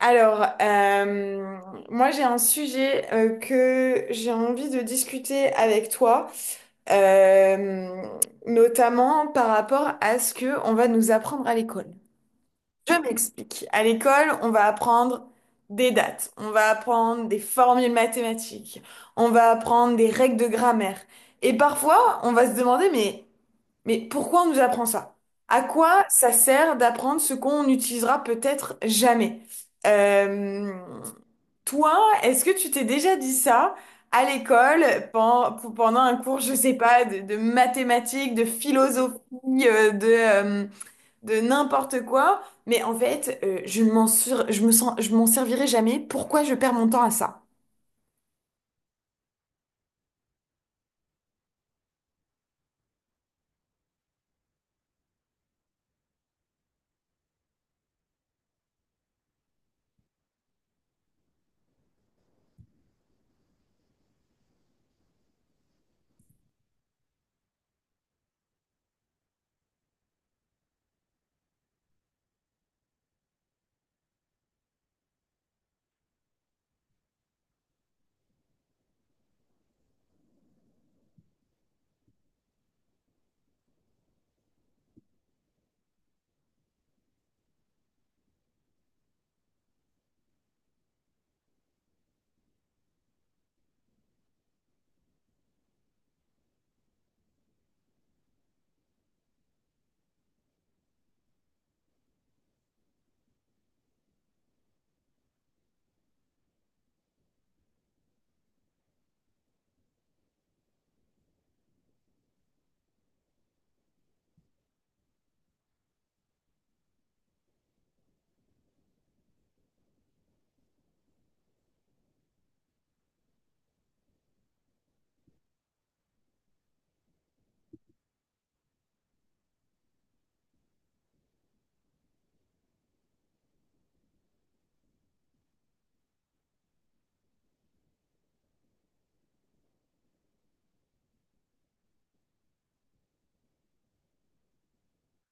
Alors, euh, moi j'ai un sujet que j'ai envie de discuter avec toi. euh, Notamment par rapport à ce que on va nous apprendre à l'école. Je m'explique. À l'école, on va apprendre des dates, on va apprendre des formules mathématiques, on va apprendre des règles de grammaire. Et parfois, on va se demander, mais pourquoi on nous apprend ça? À quoi ça sert d'apprendre ce qu'on n'utilisera peut-être jamais? Euh, Toi, est-ce que tu t'es déjà dit ça à l'école pendant un cours, je sais pas, de mathématiques, de philosophie, euh, de, euh, de n'importe quoi? Mais en fait, je me sens, je m'en servirai jamais. Pourquoi je perds mon temps à ça?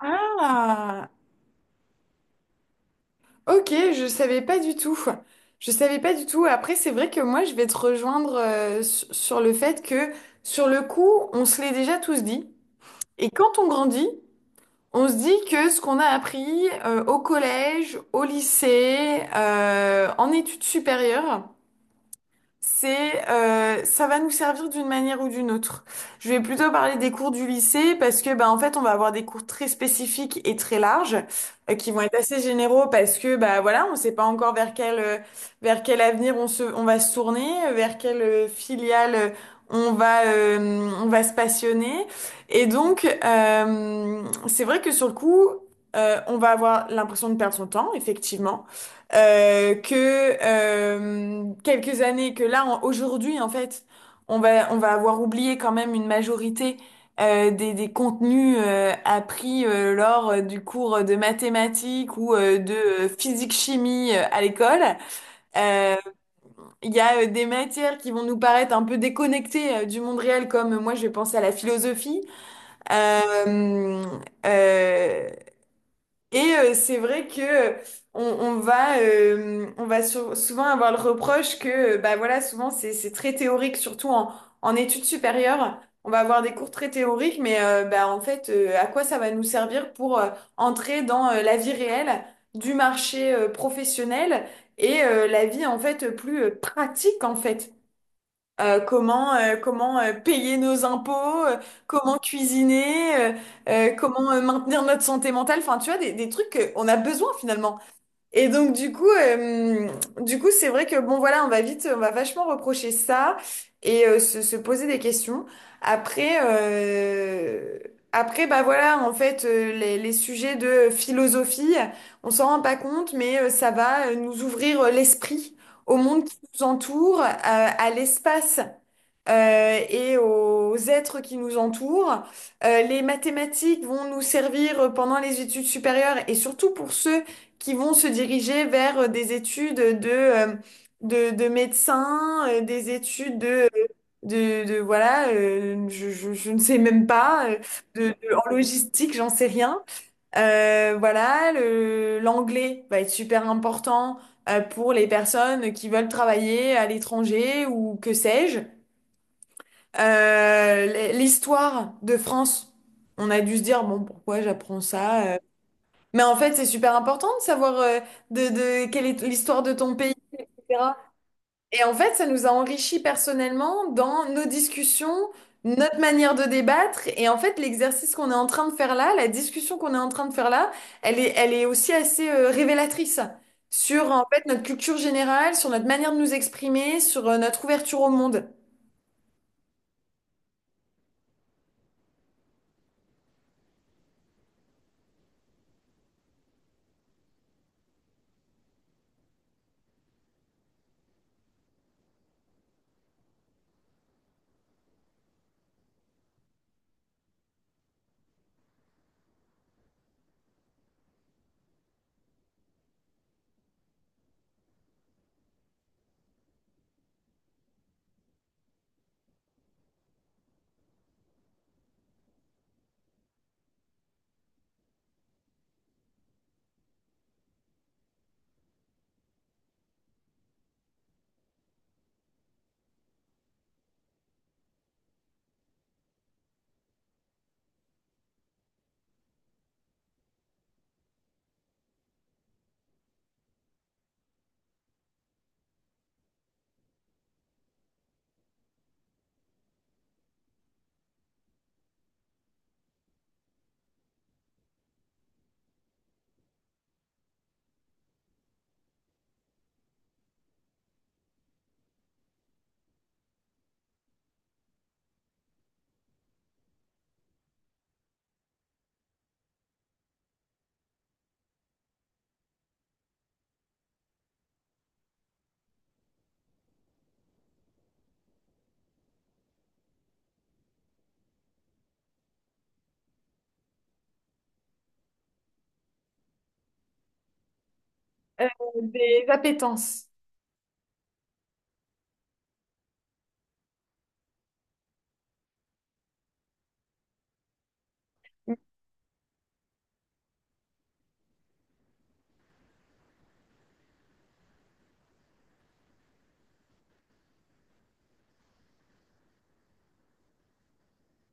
Ah! Ok, je savais pas du tout. Je savais pas du tout. Après, c'est vrai que moi, je vais te rejoindre sur le fait que, sur le coup, on se l'est déjà tous dit. Et quand on grandit, on se dit que ce qu'on a appris au collège, au lycée, en études supérieures, c'est ça va nous servir d'une manière ou d'une autre. Je vais plutôt parler des cours du lycée parce que bah en fait on va avoir des cours très spécifiques et très larges qui vont être assez généraux parce que bah voilà on sait pas encore vers quel avenir on va se tourner vers quelle filiale on va se passionner et donc c'est vrai que sur le coup on va avoir l'impression de perdre son temps effectivement, quelques années, que là, aujourd'hui, en fait, on va avoir oublié quand même une majorité des contenus appris lors du cours de mathématiques ou de physique-chimie à l'école. Euh, Il y a des matières qui vont nous paraître un peu déconnectées du monde réel, comme moi, je vais penser à la philosophie. Euh, euh, c'est vrai que on va souvent avoir le reproche que bah voilà souvent c'est très théorique surtout en études supérieures on va avoir des cours très théoriques mais bah en fait à quoi ça va nous servir pour entrer dans la vie réelle du marché professionnel et la vie en fait plus pratique en fait, comment payer nos impôts, comment cuisiner, comment maintenir notre santé mentale, enfin tu vois des trucs qu'on a besoin finalement. Et donc du coup, c'est vrai que bon voilà, on va vachement reprocher ça et se poser des questions. Après, euh, après bah voilà, en fait, les sujets de philosophie, on s'en rend pas compte, mais ça va nous ouvrir l'esprit au monde qui nous entoure, à l'espace et aux êtres qui nous entourent. Les mathématiques vont nous servir pendant les études supérieures et surtout pour ceux qui vont se diriger vers des études de médecins, des études voilà, je ne sais même pas, en logistique, j'en sais rien. L'anglais va être super important pour les personnes qui veulent travailler à l'étranger ou que sais-je. L'histoire de France, on a dû se dire, bon, pourquoi j'apprends ça? Mais en fait, c'est super important de savoir, de quelle est l'histoire de ton pays, etc. Et en fait, ça nous a enrichis personnellement dans nos discussions, notre manière de débattre. Et en fait, l'exercice qu'on est en train de faire là, la discussion qu'on est en train de faire là, elle est aussi assez révélatrice sur en fait notre culture générale, sur notre manière de nous exprimer, sur notre ouverture au monde, euh, des appétences.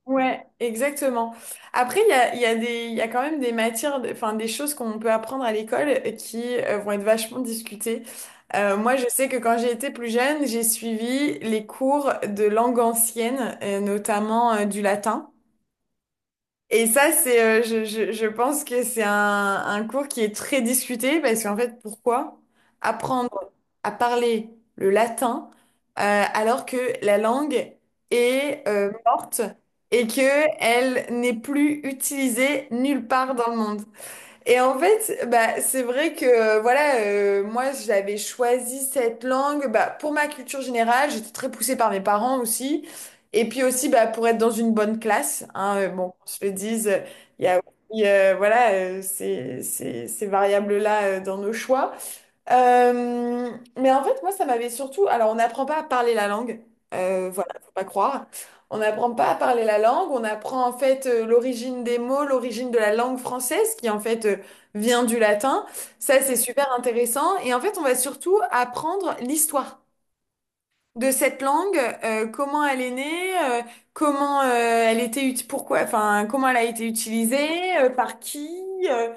Ouais, exactement. Après, il y a quand même des matières, enfin des choses qu'on peut apprendre à l'école qui vont être vachement discutées. Moi, je sais que quand j'ai été plus jeune, j'ai suivi les cours de langue ancienne, notamment du latin. Et ça, c'est, je pense que c'est un cours qui est très discuté parce qu'en fait, pourquoi apprendre à parler le latin euh, alors que la langue est morte et que elle n'est plus utilisée nulle part dans le monde. Et en fait, bah, c'est vrai que moi j'avais choisi cette langue bah, pour ma culture générale, j'étais très poussée par mes parents aussi. Et puis aussi bah, pour être dans une bonne classe, hein, bon, qu'on se le dise, il y a aussi, voilà, ces variables-là dans nos choix. Euh, mais en fait, moi, ça m'avait surtout. Alors, on n'apprend pas à parler la langue. Voilà, faut pas croire. On n'apprend pas à parler la langue. On apprend en fait l'origine des mots, l'origine de la langue française, qui en fait vient du latin. Ça, c'est super intéressant. Et en fait, on va surtout apprendre l'histoire de cette langue, comment elle est née, comment elle était pourquoi, enfin, comment elle a été utilisée, par qui. euh,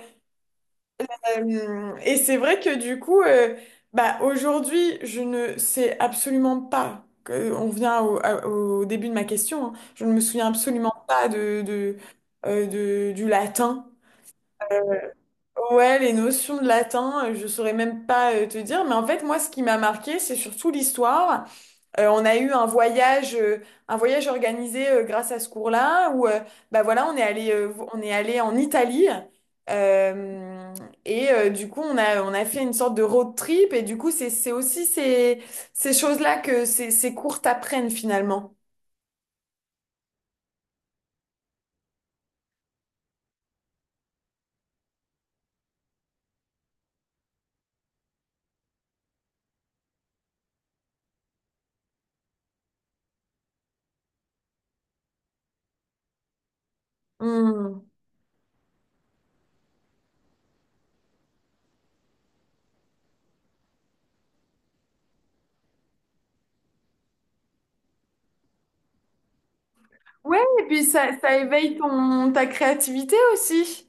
et c'est vrai que du coup, bah, aujourd'hui, je ne sais absolument pas on vient au début de ma question, hein. Je ne me souviens absolument pas du latin. Euh, Ouais, les notions de latin, je saurais même pas te dire. Mais en fait, moi, ce qui m'a marqué, c'est surtout l'histoire. On a eu un voyage organisé grâce à ce cours-là où bah voilà, on est allé en Italie euh, du coup on a fait une sorte de road trip et du coup c'est aussi ces choses-là que ces cours t'apprennent finalement. Hmm. Ouais, et puis ça éveille ta créativité aussi.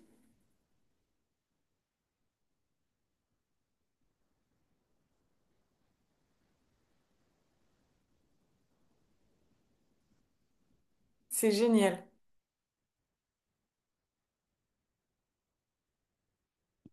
C'est génial.